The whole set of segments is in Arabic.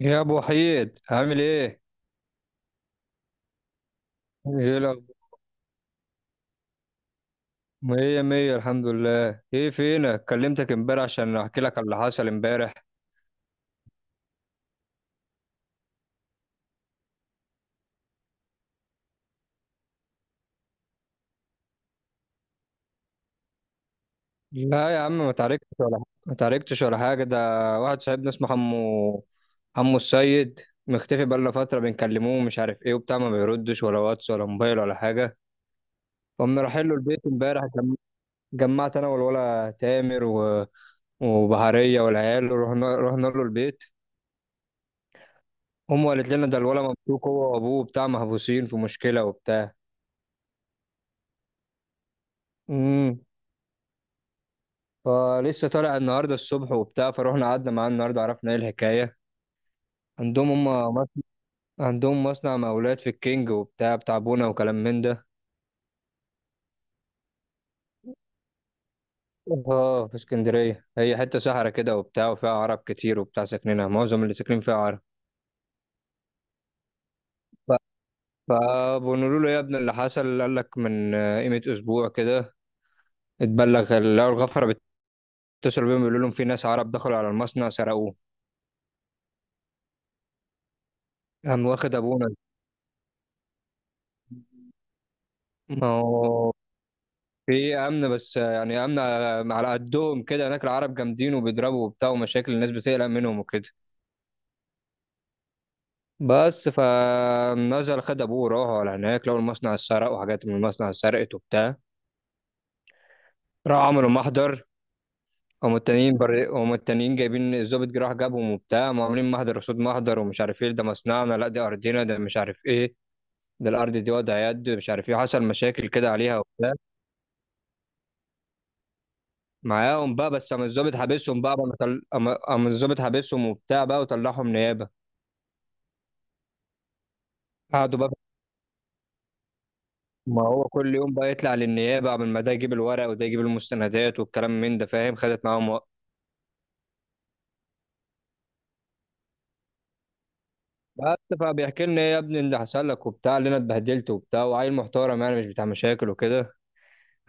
يا ابو حيد عامل ايه؟ ايه الاخبار؟ مية مية الحمد لله. ايه فينك؟ كلمتك امبارح عشان احكي لك على اللي حصل امبارح. لا يا عم ما تعاركتش ولا حاجه، ما تعاركتش ولا حاجه. ده واحد صاحبنا اسمه حمو، حمو السيد، مختفي بقالنا فتره بنكلموه ومش عارف ايه وبتاع، ما بيردش ولا واتس ولا موبايل ولا حاجه. قمنا رايحين له البيت امبارح، جمعت انا والولا تامر وبهاريه والعيال، رحنا له البيت. امه قالت لنا ده الولا مبسوط هو وابوه بتاع محبوسين في مشكله وبتاع. امم فلسه طالع النهارده الصبح وبتاع، فروحنا قعدنا معاه النهارده عرفنا ايه الحكايه. عندهم هم مص- عندهم مصنع مقاولات في الكينج وبتاع بتاع بونا وكلام من ده. اه في اسكندريه، هي حته صحرا كده وبتاع وفيها عرب كتير وبتاع، ساكنينها معظم اللي ساكنين فيها عرب. ف- فبنقول له يا ابني اللي حصل، قال لك من قيمه اسبوع كده اتبلغ، لقوا الغفره بيتصلوا بيهم بيقولوا لهم في ناس عرب دخلوا على المصنع سرقوه. قام واخد ابونا. ما هو في امن، بس يعني امن على قدهم كده، هناك العرب جامدين وبيضربوا وبتاع ومشاكل، الناس بتقلق منهم وكده. بس فنزل خد ابوه وراح على هناك، لقوا المصنع اتسرق وحاجات من المصنع اتسرقت وبتاع. راحوا عملوا محضر. هم التانيين جايبين الظابط، جه راح جابهم وبتاع، هم عاملين محضر قصاد محضر، ومش عارف ايه، ده مصنعنا، لا دي ارضنا، ده مش عارف ايه، ده الارض دي وضع يد مش عارف ايه، حصل مشاكل كده عليها وبتاع. معاهم بقى، بس قام الظابط حابسهم بقى، قام طل- قام قام الظابط حابسهم وبتاع بقى وطلعهم نيابه. قعدوا بقى، ما هو كل يوم بقى يطلع للنيابة، قبل ما ده يجيب الورق وده يجيب المستندات والكلام من ده، فاهم، خدت معاهم وقت. بس فبيحكي لنا إيه يا ابني اللي حصل لك وبتاع، اللي انا اتبهدلت وبتاع، وعيل محترم يعني مش بتاع مشاكل وكده.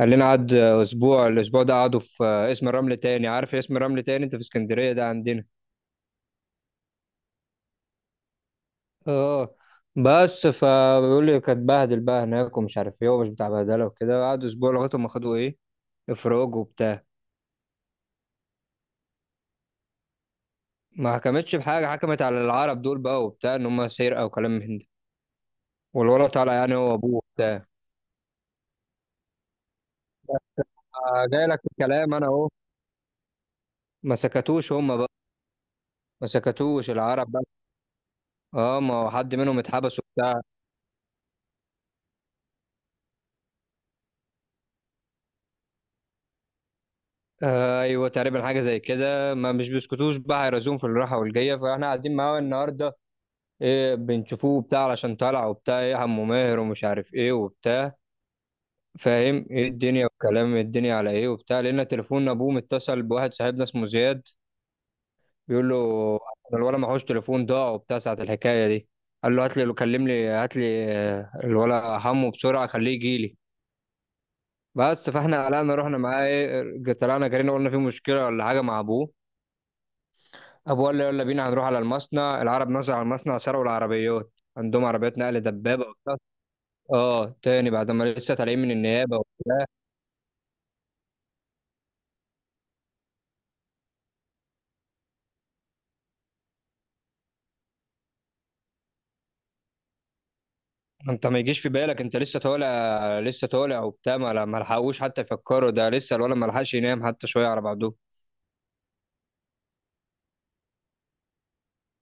قال لنا قعد اسبوع، الاسبوع ده قعدوا في اسم الرمل تاني، عارف اسم الرمل تاني انت في اسكندرية ده عندنا؟ اه. بس فبيقول لي كانت بهدل بقى هناك ومش عارف ايه ومش بتاع بهدله وكده، قعدوا اسبوع لغايه ما خدوا ايه، افراج وبتاع. ما حكمتش بحاجه، حكمت على العرب دول بقى وبتاع ان هم سرقه وكلام من ده، والولد طالع يعني هو ابوه بتاع. جاي لك في الكلام انا اهو. ما سكتوش هم بقى، ما سكتوش العرب بقى. اه ما هو حد منهم اتحبس وبتاع. ايوه تقريبا حاجه زي كده، ما مش بيسكتوش بقى هيرازوهم في الراحه والجايه. فاحنا قاعدين معاه النهارده إيه، بنشوفوه بتاع علشان طالع وبتاع، ايه عمو ماهر ومش عارف ايه وبتاع، فاهم ايه الدنيا والكلام، إيه الدنيا على ايه وبتاع. لقينا تليفون ابوه متصل بواحد صاحبنا اسمه زياد، بيقول له الولا معهوش تليفون ضاع وبتاع ساعة الحكاية دي. قال له هات لي، كلم لي هات لي الولا همه بسرعة خليه يجي لي. بس فاحنا قلقنا، رحنا معاه ايه، طلعنا جرينا، قلنا في مشكلة ولا حاجة مع ابوه. ابوه قال له يلا بينا، هنروح على المصنع، العرب نزلوا على المصنع سرقوا العربيات. عندهم عربيات نقل دبابة وبتاع. اه تاني، بعد ما لسه طالعين من النيابة وبتاع. انت ما يجيش في بالك، انت لسه طالع، لسه طالع وبتاع، ما لحقوش حتى يفكروا، ده لسه الولا ما لحقش ينام حتى شوية على بعضهم.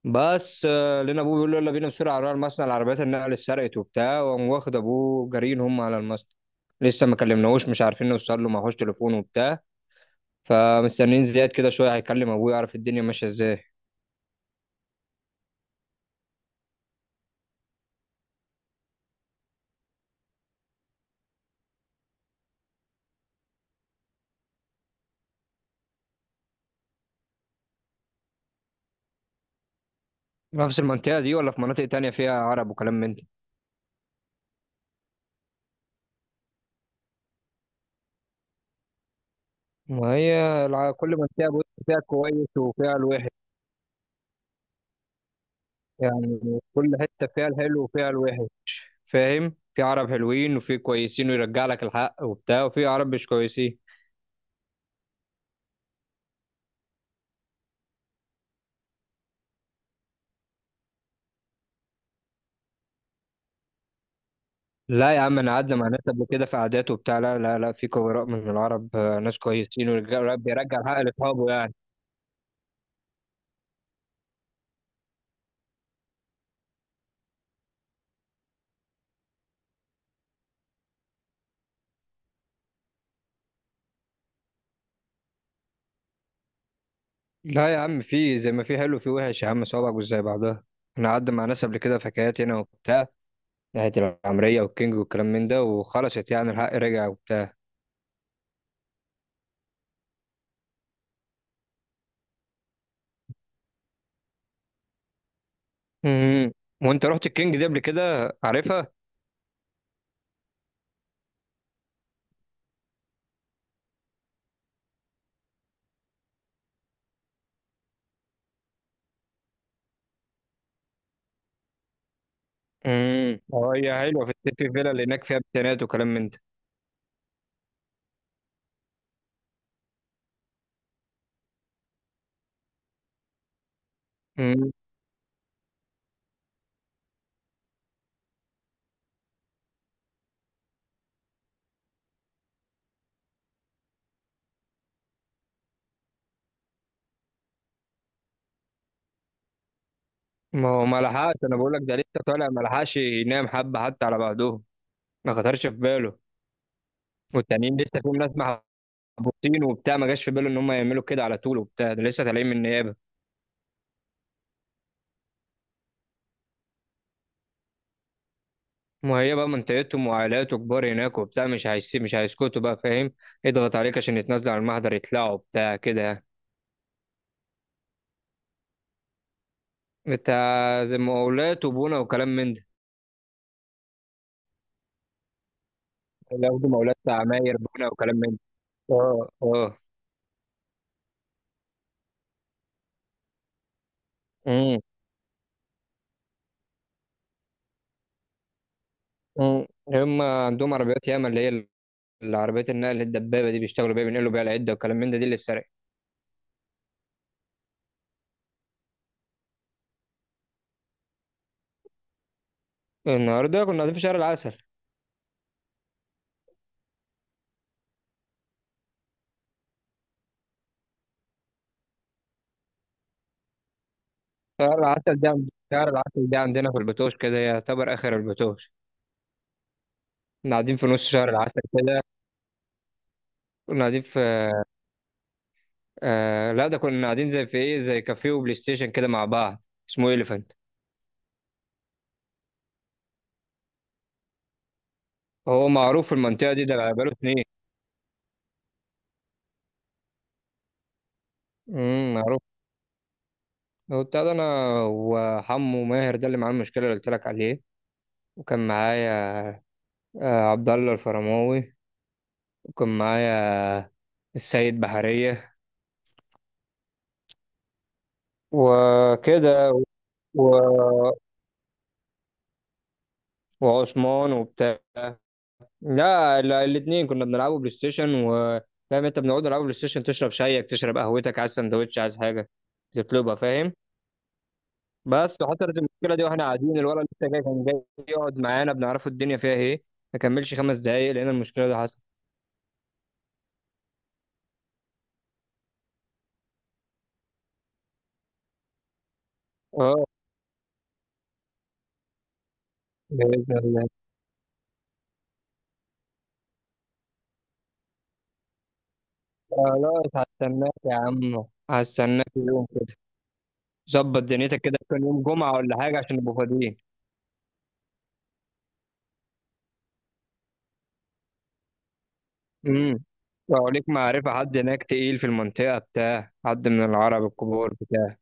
بس لقينا ابوه بيقول له يلا بينا بسرعه على المصنع، العربيات النقل اتسرقت وبتاع، وقام واخد ابوه جارين هم على المصنع. لسه ما كلمناهوش، مش عارفين نوصل له، معهوش تليفون وبتاع. فمستنيين زياد كده شويه هيكلم ابوه يعرف الدنيا ماشيه ازاي. نفس المنطقه دي ولا في مناطق تانية فيها عرب وكلام من ده؟ ما هي، كل منطقه بص فيها كويس وفيها الوحش، يعني كل حته فيها الحلو وفيها الوحش، فاهم، في عرب حلوين وفي كويسين ويرجع لك الحق وبتاع، وفي عرب مش كويسين. لا يا عم انا قعدنا مع ناس قبل كده في عادات وبتاع، لا لا لا، في خبراء من العرب ناس كويسين بيرجع الحق لاصحابه يعني. لا يا عم، في زي ما في حلو في وحش يا عم، صوابعك مش زي بعضها، انا قعدت مع ناس قبل كده في حكايات هنا وبتاع، ناحية العمرية والكينج والكلام من ده، وخلصت يعني الحق رجع وبتاع. امم. وانت رحت الكينج دي قبل كده، عارفها؟ اه، هي حلوة، في السيتي فيلا اللي هناك فيها بتانات وكلام من ده. امم. ما هو ما لحقش، انا بقول لك ده لسه طالع، ما لحقش ينام حبة حتى على بعضهم، ما خطرش في باله. والتانيين لسه فيهم ناس محبوسين وبتاع، ما جاش في باله ان هم يعملوا كده على طول وبتاع، ده لسه طالعين من النيابه. ما هي بقى منطقتهم، وعائلاته كبار هناك وبتاع، مش هيسيب، مش هيسكتوا بقى فاهم، يضغط عليك عشان يتنازلوا عن المحضر يطلعوا بتاع كده يعني. انت زي مقاولات وبنا وكلام من ده، اللي ياخدوا مقاولات عماير بنا وكلام من ده، اه اه. امم. امم. هم عندهم عربيات ياما، اللي هي العربيات النقل الدبابه دي، بيشتغلوا بيها بينقلوا بيها العده وكلام من ده، دي اللي اتسرقت. النهارده كنا قاعدين في شارع العسل. شهر العسل ده عندنا في البتوش، كده يعتبر آخر البتوش، كنا قاعدين في نص شهر العسل كده. كنا قاعدين في آه لا ده كنا قاعدين زي في إيه، زي كافيه وبلاي ستيشن كده مع بعض، اسمه إليفانت، هو معروف في المنطقة دي، ده بقاله اتنين. معروف. هو بتاع ده أنا وحمو ماهر ده اللي معاه المشكلة اللي قلت لك عليه، وكان معايا آه عبد الله الفرماوي، وكان معايا آه، السيد بحرية، وكده، و... وعثمان وبتاع. لا الاثنين كنا بنلعبوا بلاي ستيشن و فاهم انت، بنقعد نلعبوا بلاي ستيشن، تشرب شايك، تشرب قهوتك، عايز سندوتش عايز حاجه تطلبها فاهم. بس وحصلت المشكله دي واحنا قاعدين، الولد لسه جاي، كان جاي يقعد معانا بنعرفه الدنيا فيها ايه، ما كملش 5 دقايق لقينا المشكله دي حصلت. اه بإذن الله، خلاص هستناك يا عم، هستناك يوم كده، ظبط دنيتك كده، كان يوم جمعة ولا حاجة عشان نبقى فاضيين. امم. لو ليك معرفة حد هناك تقيل في المنطقة بتاع، حد من العرب الكبار بتاع.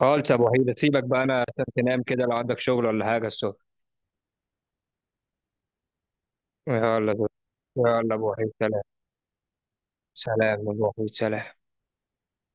خالص يا ابو وحيد، سيبك بقى انا عشان تنام كده، لو عندك شغل ولا حاجه الصبح. يلا يا ابو، يلا يا ابو وحيد سلام، سلام يا ابو وحيد سلام.